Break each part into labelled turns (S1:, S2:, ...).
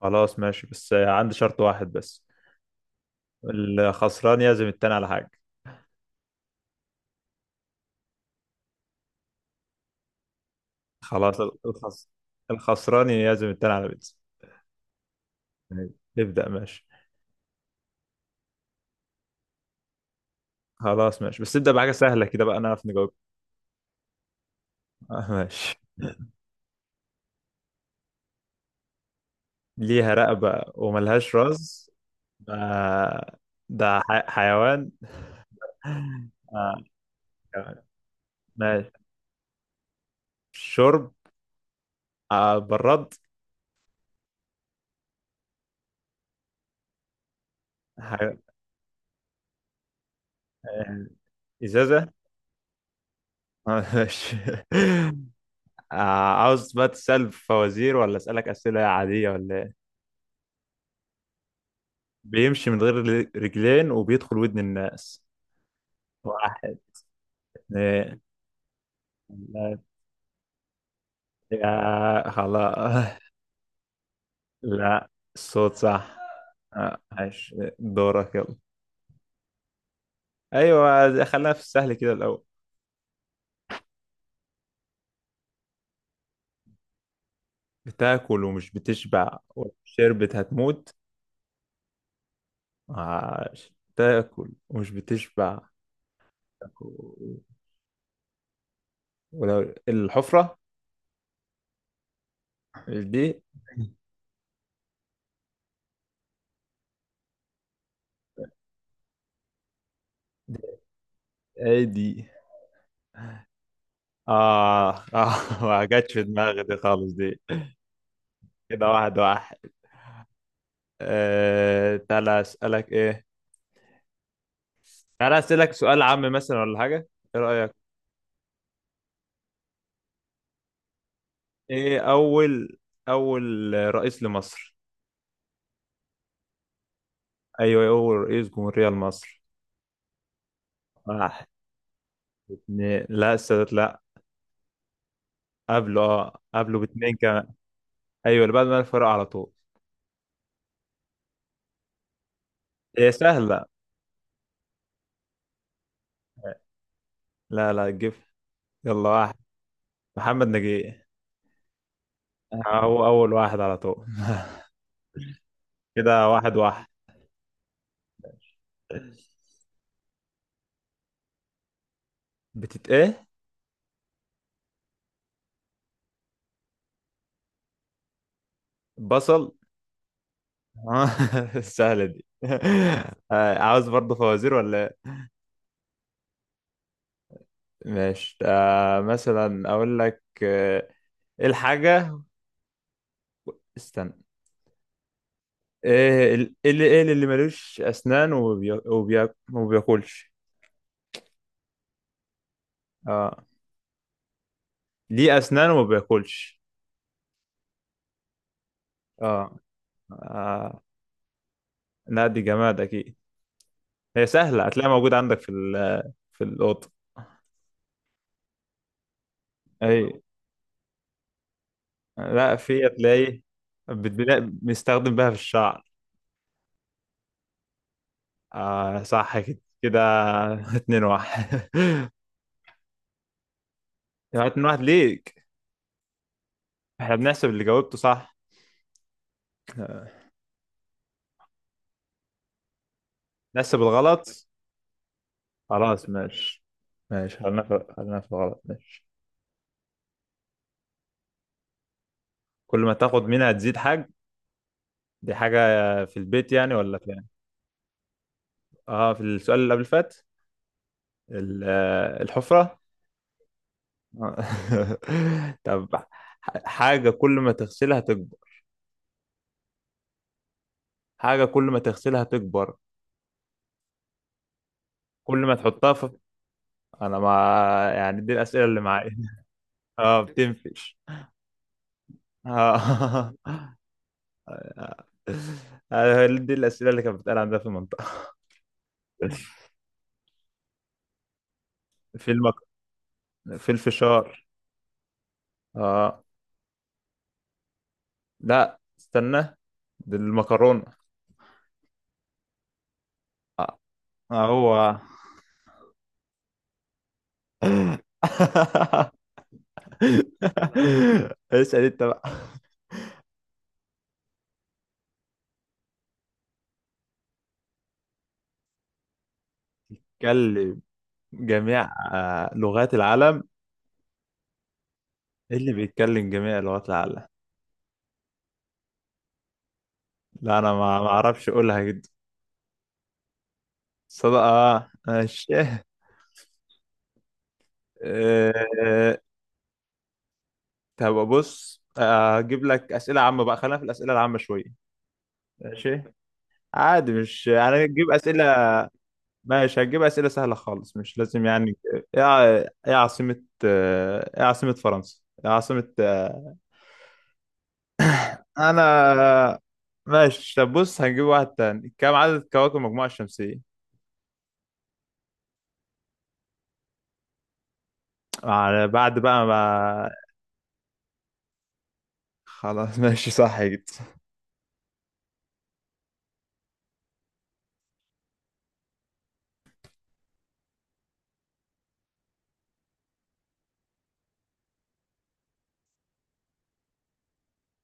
S1: خلاص، ماشي، بس عندي شرط واحد بس. الخسران يعزم التاني على حاجة. خلاص. الخس... الخسران يعزم التاني على بيتزا. ماشي. ابدأ، ماشي. خلاص، ماشي، بس ابدأ بحاجة سهلة كده بقى نعرف نجاوب. آه، ماشي. ليها رقبة وملهاش راس. آه، ده حيوان. آه، حيوان. ماشي. شرب؟ آه، براد. ح... آه، إزازة. آه، ماشي. آه، عاوز بقى تسأل فوازير ولا أسألك أسئلة عادية ولا إيه؟ بيمشي من غير رجلين وبيدخل ودن الناس. واحد، اتنين، تلاتة، يا خلاص. لا، الصوت صح. آه، عايش. دورك يلا. أيوة، خلينا في السهل كده الأول. بتاكل ومش بتشبع وشربت هتموت. عاش تاكل ومش بتشبع. ولو الحفرة دي. دي- ايه دي؟ اه، اه. ما جاتش في دماغي دي خالص دي. كده واحد واحد. آه، تعالى اسألك ايه. تعالى اسألك سؤال عام مثلا ولا حاجة؟ ايه رأيك؟ ايه اول رئيس لمصر؟ ايوه، اول رئيس جمهورية لمصر. واحد، اتنين، لا، السادات لا. قبله. اه، قبله باتنين كمان. ايوه، اللي بعد ما الفرق على طول. هي سهلة. لا، لا تجيب. يلا، واحد. محمد نجيب. هو اول واحد على طول. كده واحد واحد. بتت ايه؟ بصل. آه، سهلة دي. آه، عاوز برضه فوازير ولا إيه؟ ماشي، آه، مثلا اقول لك، آه، ايه الحاجة؟ استنى. ايه اللي ملوش اسنان وبياكلش؟ اه. ليه اسنان وما بياكلش. اه، آه. لا، دي جماد اكيد. هي سهلة، هتلاقيها موجودة عندك في في الأوضة. اي. لا، في، هتلاقي. بتلاقي بنستخدم بها في الشعر. آه، صح كده كده. اتنين واحد. يعني اتنين واحد ليك. احنا بنحسب اللي جاوبته صح. نحسب الغلط. خلاص، ماشي. ماشي، خلينا في الغلط، ماشي. كل ما تاخد منها تزيد حاجة. دي حاجة في البيت يعني ولا فين؟ اه، في السؤال اللي قبل اللي فات. آه، الحفرة. آه. طب. حاجة كل ما تغسلها تكبر. حاجة كل ما تغسلها تكبر. كل ما تحطها في. انا ما. يعني دي الأسئلة اللي معايا. اه، بتنفش. آه. آه، دي الأسئلة اللي كانت بتتقال عندنا في المنطقة. في في الفشار. اه. لا، استنى. دي المكرونة. آه. آه، هو. اسأل انت بقى. بيتكلم جميع لغات العالم. ايه اللي بيتكلم جميع لغات العالم؟ لا، انا ما اعرفش اقولها جدا. صدق، اه، ماشي. آه، طب بص، آه، هجيب لك اسئله عامه بقى، خلينا في الاسئله العامه شويه. ماشي. عادي، مش انا هجيب اسئله. ماشي، هجيب اسئله سهله خالص، مش لازم يعني. ايه ع- ايه عاصمه، آه، ايه عاصمه فرنسا، ايه عاصمه، آه، انا. ماشي، طب بص، هنجيب واحد تاني، كم عدد كواكب المجموعه الشمسيه؟ بعد بقى ما. خلاص. ماشي، صح جدا.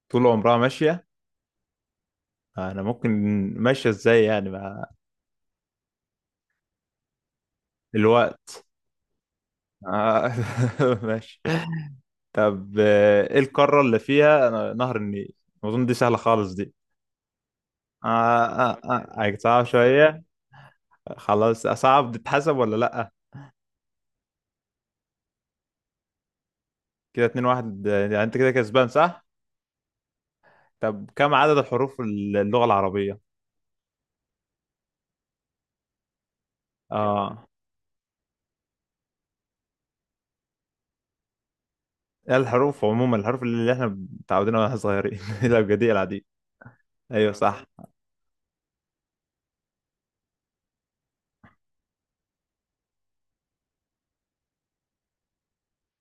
S1: طول عمرها ماشيه. انا ممكن. ماشيه ازاي يعني، مع. الوقت. آه، ماشي. طب، آه، ايه القارة اللي فيها، آه، نهر النيل؟ اظن دي سهلة خالص دي. آه، آه، آه، آه، صعب شوية. خلاص، صعب. تتحسب ولا لأ؟ كده اتنين واحد، آه، يعني انت كده كسبان صح؟ طب كم عدد الحروف اللغة العربية؟ اه. إيه، الحروف عموما، الحروف اللي احنا متعودين عليها واحنا صغيرين. الأبجدية العادية. ايوه، صح.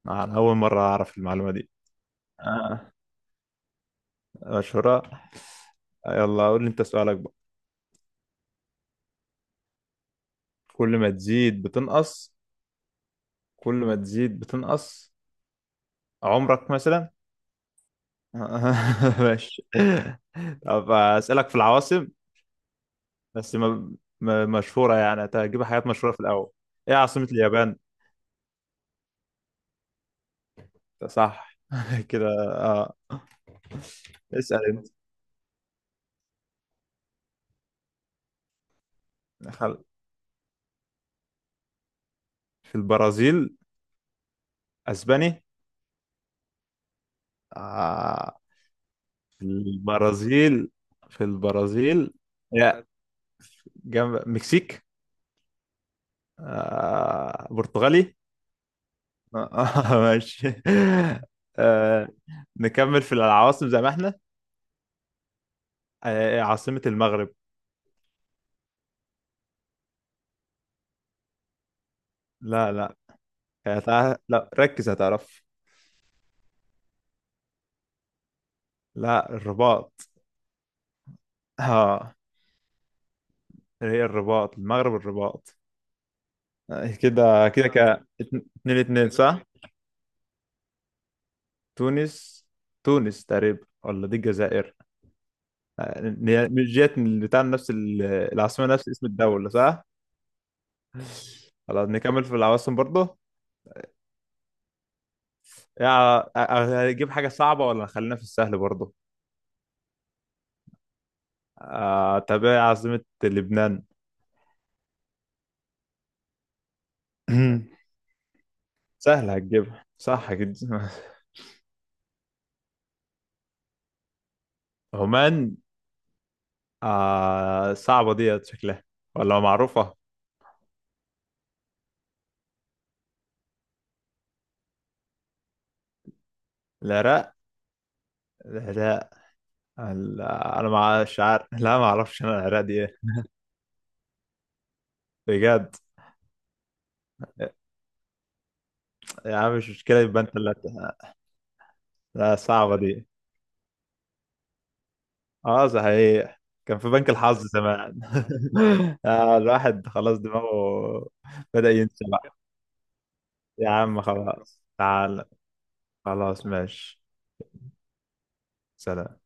S1: انا أول مرة أعرف المعلومة دي. آه، مشهورة. يلا قول لي انت سؤالك بقى. كل ما تزيد بتنقص. كل ما تزيد بتنقص. عمرك مثلا. ماشي. طب اسالك في العواصم. بس ما. مشهوره، يعني هتجيب حاجات مشهوره في الاول. ايه عاصمه اليابان؟ صح. كده. اه، اسال انت. خل... في البرازيل اسباني. آه. في البرازيل في البرازيل يا، جنب مكسيك. آه. برتغالي. آه. ماشي. آه. نكمل في العواصم زي ما احنا. عاصمة المغرب؟ لا، لا، لا، ركز، هتعرف. لا، الرباط. ها. هي الرباط. المغرب الرباط. آه، كده كده، اتنين اتنين صح. تونس، تونس تقريبا ولا دي الجزائر؟ آه، مش جت بتاع نفس العاصمة نفس اسم الدولة صح. خلاص نكمل في العواصم برضه. آه، هجيب حاجة صعبة ولا خلينا في السهل برضه؟ آه، طب ايه عاصمة لبنان؟ سهلة هتجيبها صح كده. عمان. آه، صعبة ديت شكلها ولا معروفة؟ العراق. العراق. أنا ما مش عارف، لا، ما أعرفش أنا العراق دي إيه. بجد؟ يا عم مش مشكلة، يبقى أنت اللي. لا، صعبة دي. أه، صحيح. كان في بنك الحظ زمان. آه، الواحد خلاص دماغه بدأ ينسى بقى. يا عم، خلاص، تعال. خلاص، ماشي. سلام.